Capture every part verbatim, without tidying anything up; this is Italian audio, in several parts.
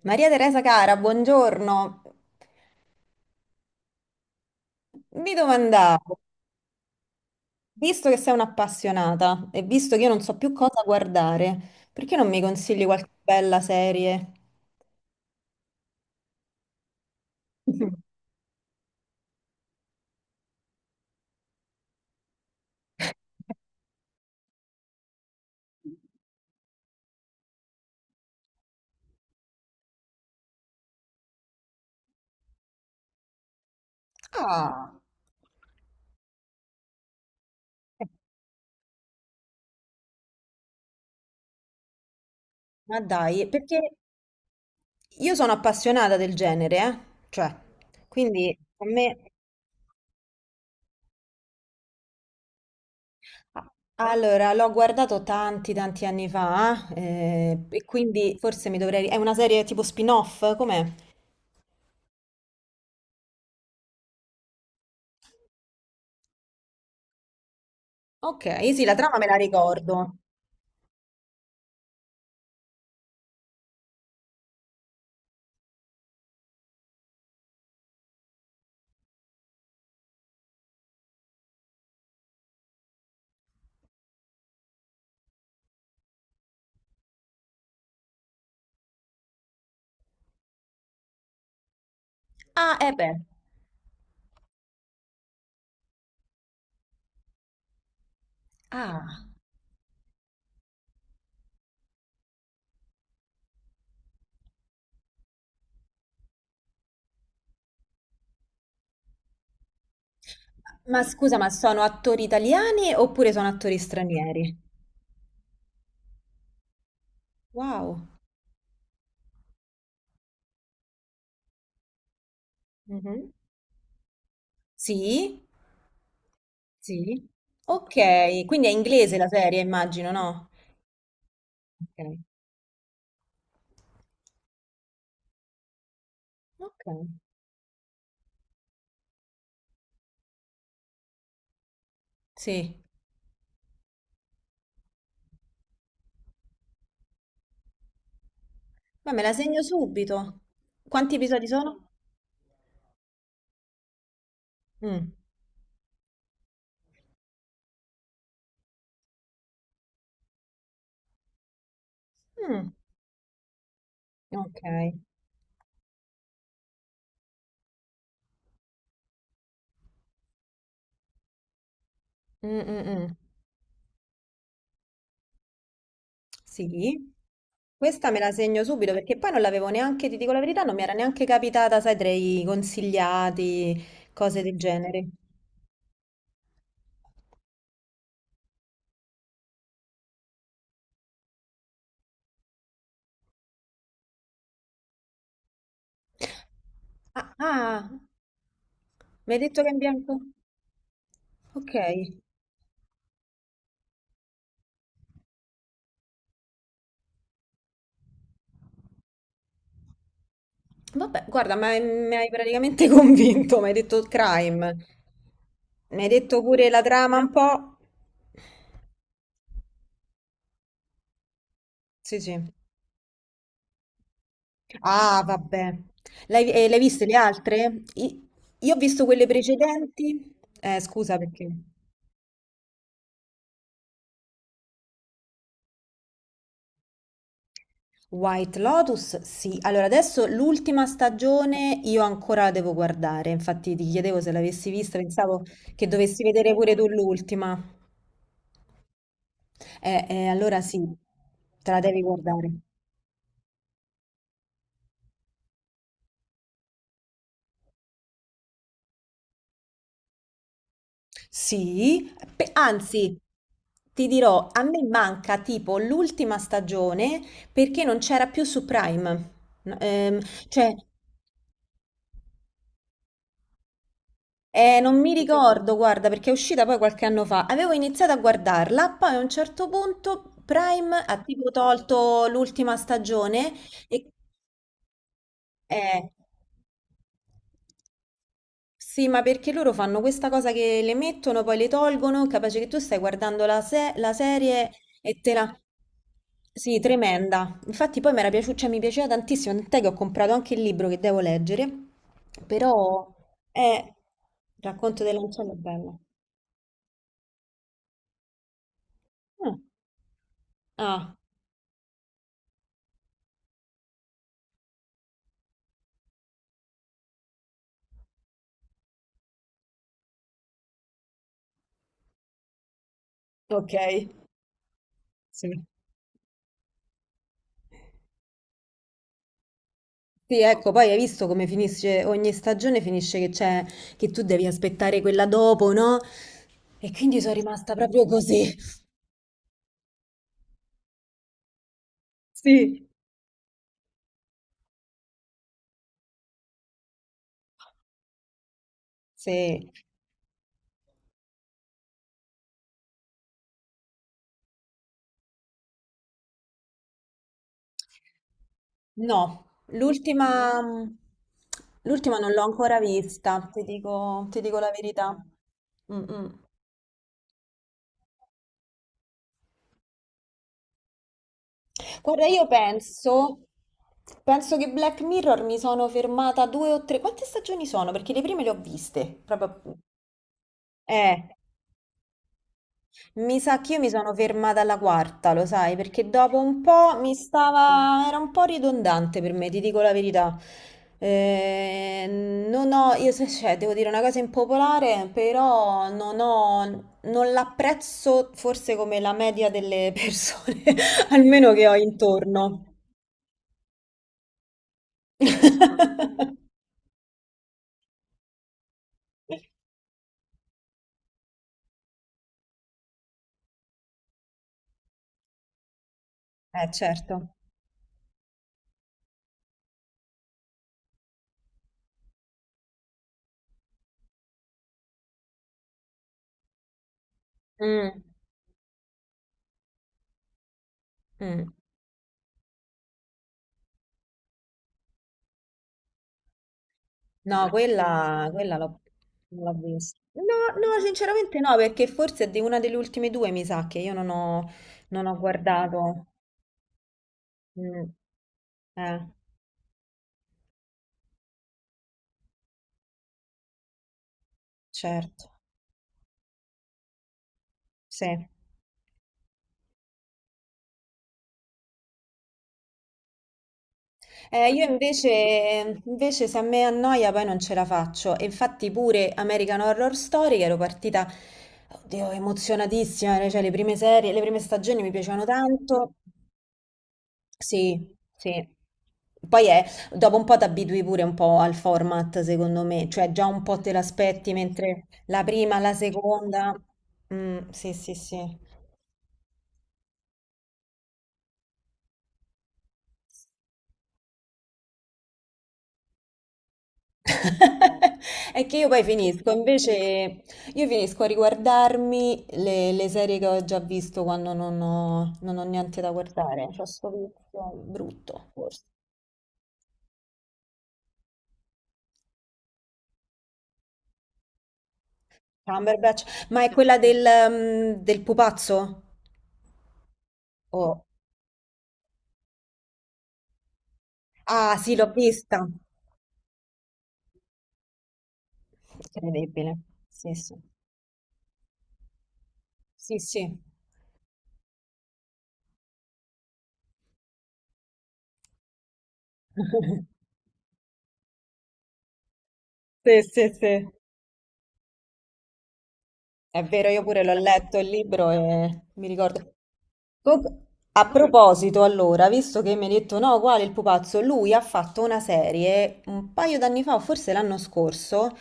Maria Teresa cara, buongiorno. Mi domandavo, visto che sei un'appassionata e visto che io non so più cosa guardare, perché non mi consigli qualche bella serie? Ah, eh, ma dai, perché io sono appassionata del genere, eh? Cioè, quindi a me... Allora, l'ho guardato tanti tanti anni fa, eh, e quindi forse mi dovrei... È una serie tipo spin-off, com'è? Ok, sì, la trama me la ricordo. Ah, eh beh. Ah. Ma scusa, ma sono attori italiani oppure sono attori stranieri? Wow. Mhm. Sì? Sì. Ok, quindi è inglese la serie, immagino, no? Ok. Ok. Sì. Ma me la segno subito. Quanti episodi sono? Mm. Mm. Ok. Mm, mm, mm. Sì, questa me la segno subito perché poi non l'avevo neanche, ti dico la verità, non mi era neanche capitata, sai, tra i consigliati, cose del genere. Ah, ah, mi hai detto che è in bianco? Ok, vabbè, guarda, ma mi hai praticamente convinto, mi hai detto crime, mi hai detto pure la trama un po'. Sì, sì. Ah, vabbè. L'hai eh, l'hai viste le altre? I- io ho visto quelle precedenti. Eh, scusa perché. White Lotus, sì. Allora, adesso l'ultima stagione io ancora la devo guardare, infatti ti chiedevo se l'avessi vista, pensavo che dovessi vedere pure tu l'ultima. Eh, eh, allora sì, te la devi guardare. Sì, pe- anzi, ti dirò, a me manca tipo l'ultima stagione perché non c'era più su Prime. No, ehm, cioè, eh, non mi ricordo, guarda, perché è uscita poi qualche anno fa. Avevo iniziato a guardarla, poi a un certo punto Prime ha tipo tolto l'ultima stagione e... eh, sì, ma perché loro fanno questa cosa che le mettono, poi le tolgono, capace che tu stai guardando la, se- la serie e te la... Sì, tremenda. Infatti poi mi era piaciuta, cioè, mi piaceva tantissimo, tant'è che ho comprato anche il libro che devo leggere, però è... Racconto dell'ancella è bella. Ah. Ah. Ok. Sì. Sì, ecco, poi hai visto come finisce ogni stagione, finisce che c'è, che tu devi aspettare quella dopo, no? E quindi sono rimasta proprio così. Sì. Sì, no, l'ultima l'ultima non l'ho ancora vista, ti dico, ti dico la verità. Mm, mm. Guarda, io penso, penso che Black Mirror mi sono fermata due o tre. Quante stagioni sono? Perché le prime le ho viste, proprio. Eh, Mi sa che io mi sono fermata alla quarta, lo sai, perché dopo un po' mi stava... era un po' ridondante per me, ti dico la verità. Eh, non ho, io se- cioè, devo dire una cosa impopolare, però non ho, non l'apprezzo forse come la media delle persone, almeno che ho intorno. Eh, certo. Mm, mm. No, quella, quella l'ho non l'ho vista. No, no, sinceramente no, perché forse è di una delle ultime due, mi sa, che io non ho, non ho guardato. Mm, eh, certo, sì. Eh, io invece, Invece se a me annoia poi non ce la faccio. E infatti pure American Horror Story, che ero partita, oddio, emozionatissima, cioè le prime serie, le prime stagioni mi piacevano tanto. Sì, sì. Poi è, dopo un po' ti abitui pure un po' al format, secondo me, cioè già un po' te l'aspetti, mentre la prima, la seconda... Mm, sì, sì, sì. È che io poi finisco, invece io finisco a riguardarmi le, le serie che ho già visto quando non ho, non ho niente da guardare. C'ho sto vizio brutto, forse. Cumberbatch, ma è quella del, mm, del pupazzo? Oh. Ah, sì, l'ho vista. Incredibile. Sì, sì. Sì, sì. Sì, sì, sì. È vero, io pure l'ho letto il libro e mi ricordo. Comunque, a proposito, allora, visto che mi hai detto no, quale il pupazzo, lui ha fatto una serie un paio d'anni fa, o forse l'anno scorso,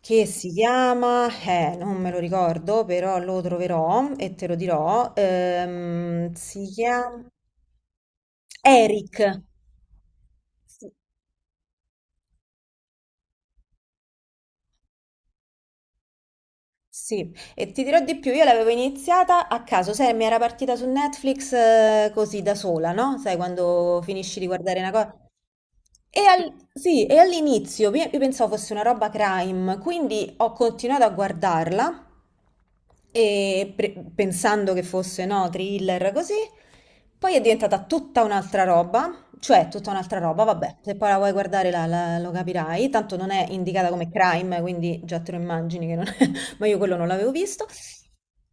che si chiama, eh, non me lo ricordo, però lo troverò e te lo dirò. Ehm, si chiama Eric. Sì, sì, e ti dirò di più, io l'avevo iniziata a caso, sai, mi era partita su Netflix eh, così da sola, no? Sai, quando finisci di guardare una cosa. E, al- sì, e all'inizio io io pensavo fosse una roba crime, quindi ho continuato a guardarla e pre- pensando che fosse, no, thriller così, poi è diventata tutta un'altra roba, cioè tutta un'altra roba, vabbè, se poi la vuoi guardare la- la- lo capirai, tanto non è indicata come crime, quindi già te lo immagini che non, ma io quello non l'avevo visto.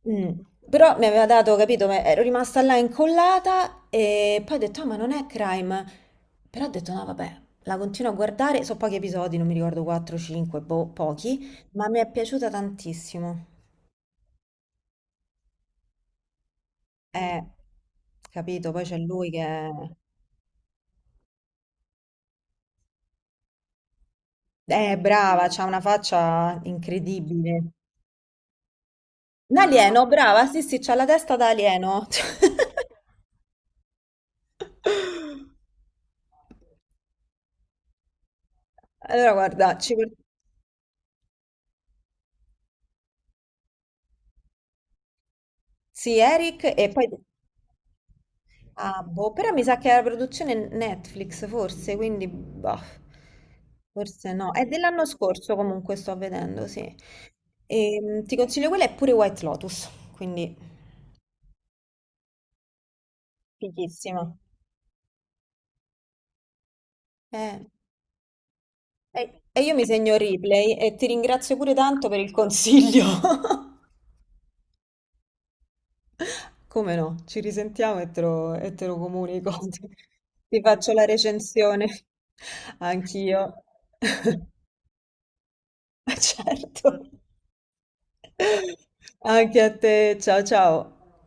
Mm, però mi aveva dato, capito, ma ero rimasta là incollata e poi ho detto, ah, ma non è crime. Però ho detto, no, vabbè, la continuo a guardare, so pochi episodi, non mi ricordo quattro, cinque, boh, pochi, ma mi è piaciuta tantissimo. Eh, capito, poi c'è lui che è eh, brava, c'ha una faccia incredibile. Un alieno, brava, sì, sì, c'ha la testa da alieno. Allora, guarda, ci... sì, Eric, e poi ah, boh, però mi sa che è la produzione Netflix, forse, quindi, boh, forse no. È dell'anno scorso comunque, sto vedendo, sì. E, ti consiglio quella e pure White Lotus, quindi fighissima. Eh, e, e io mi segno replay e ti ringrazio pure tanto per il consiglio. Come no? Ci risentiamo e te lo, e te lo comunico. Ti ti faccio la recensione. Anch'io. Certo. Anche a te, ciao ciao.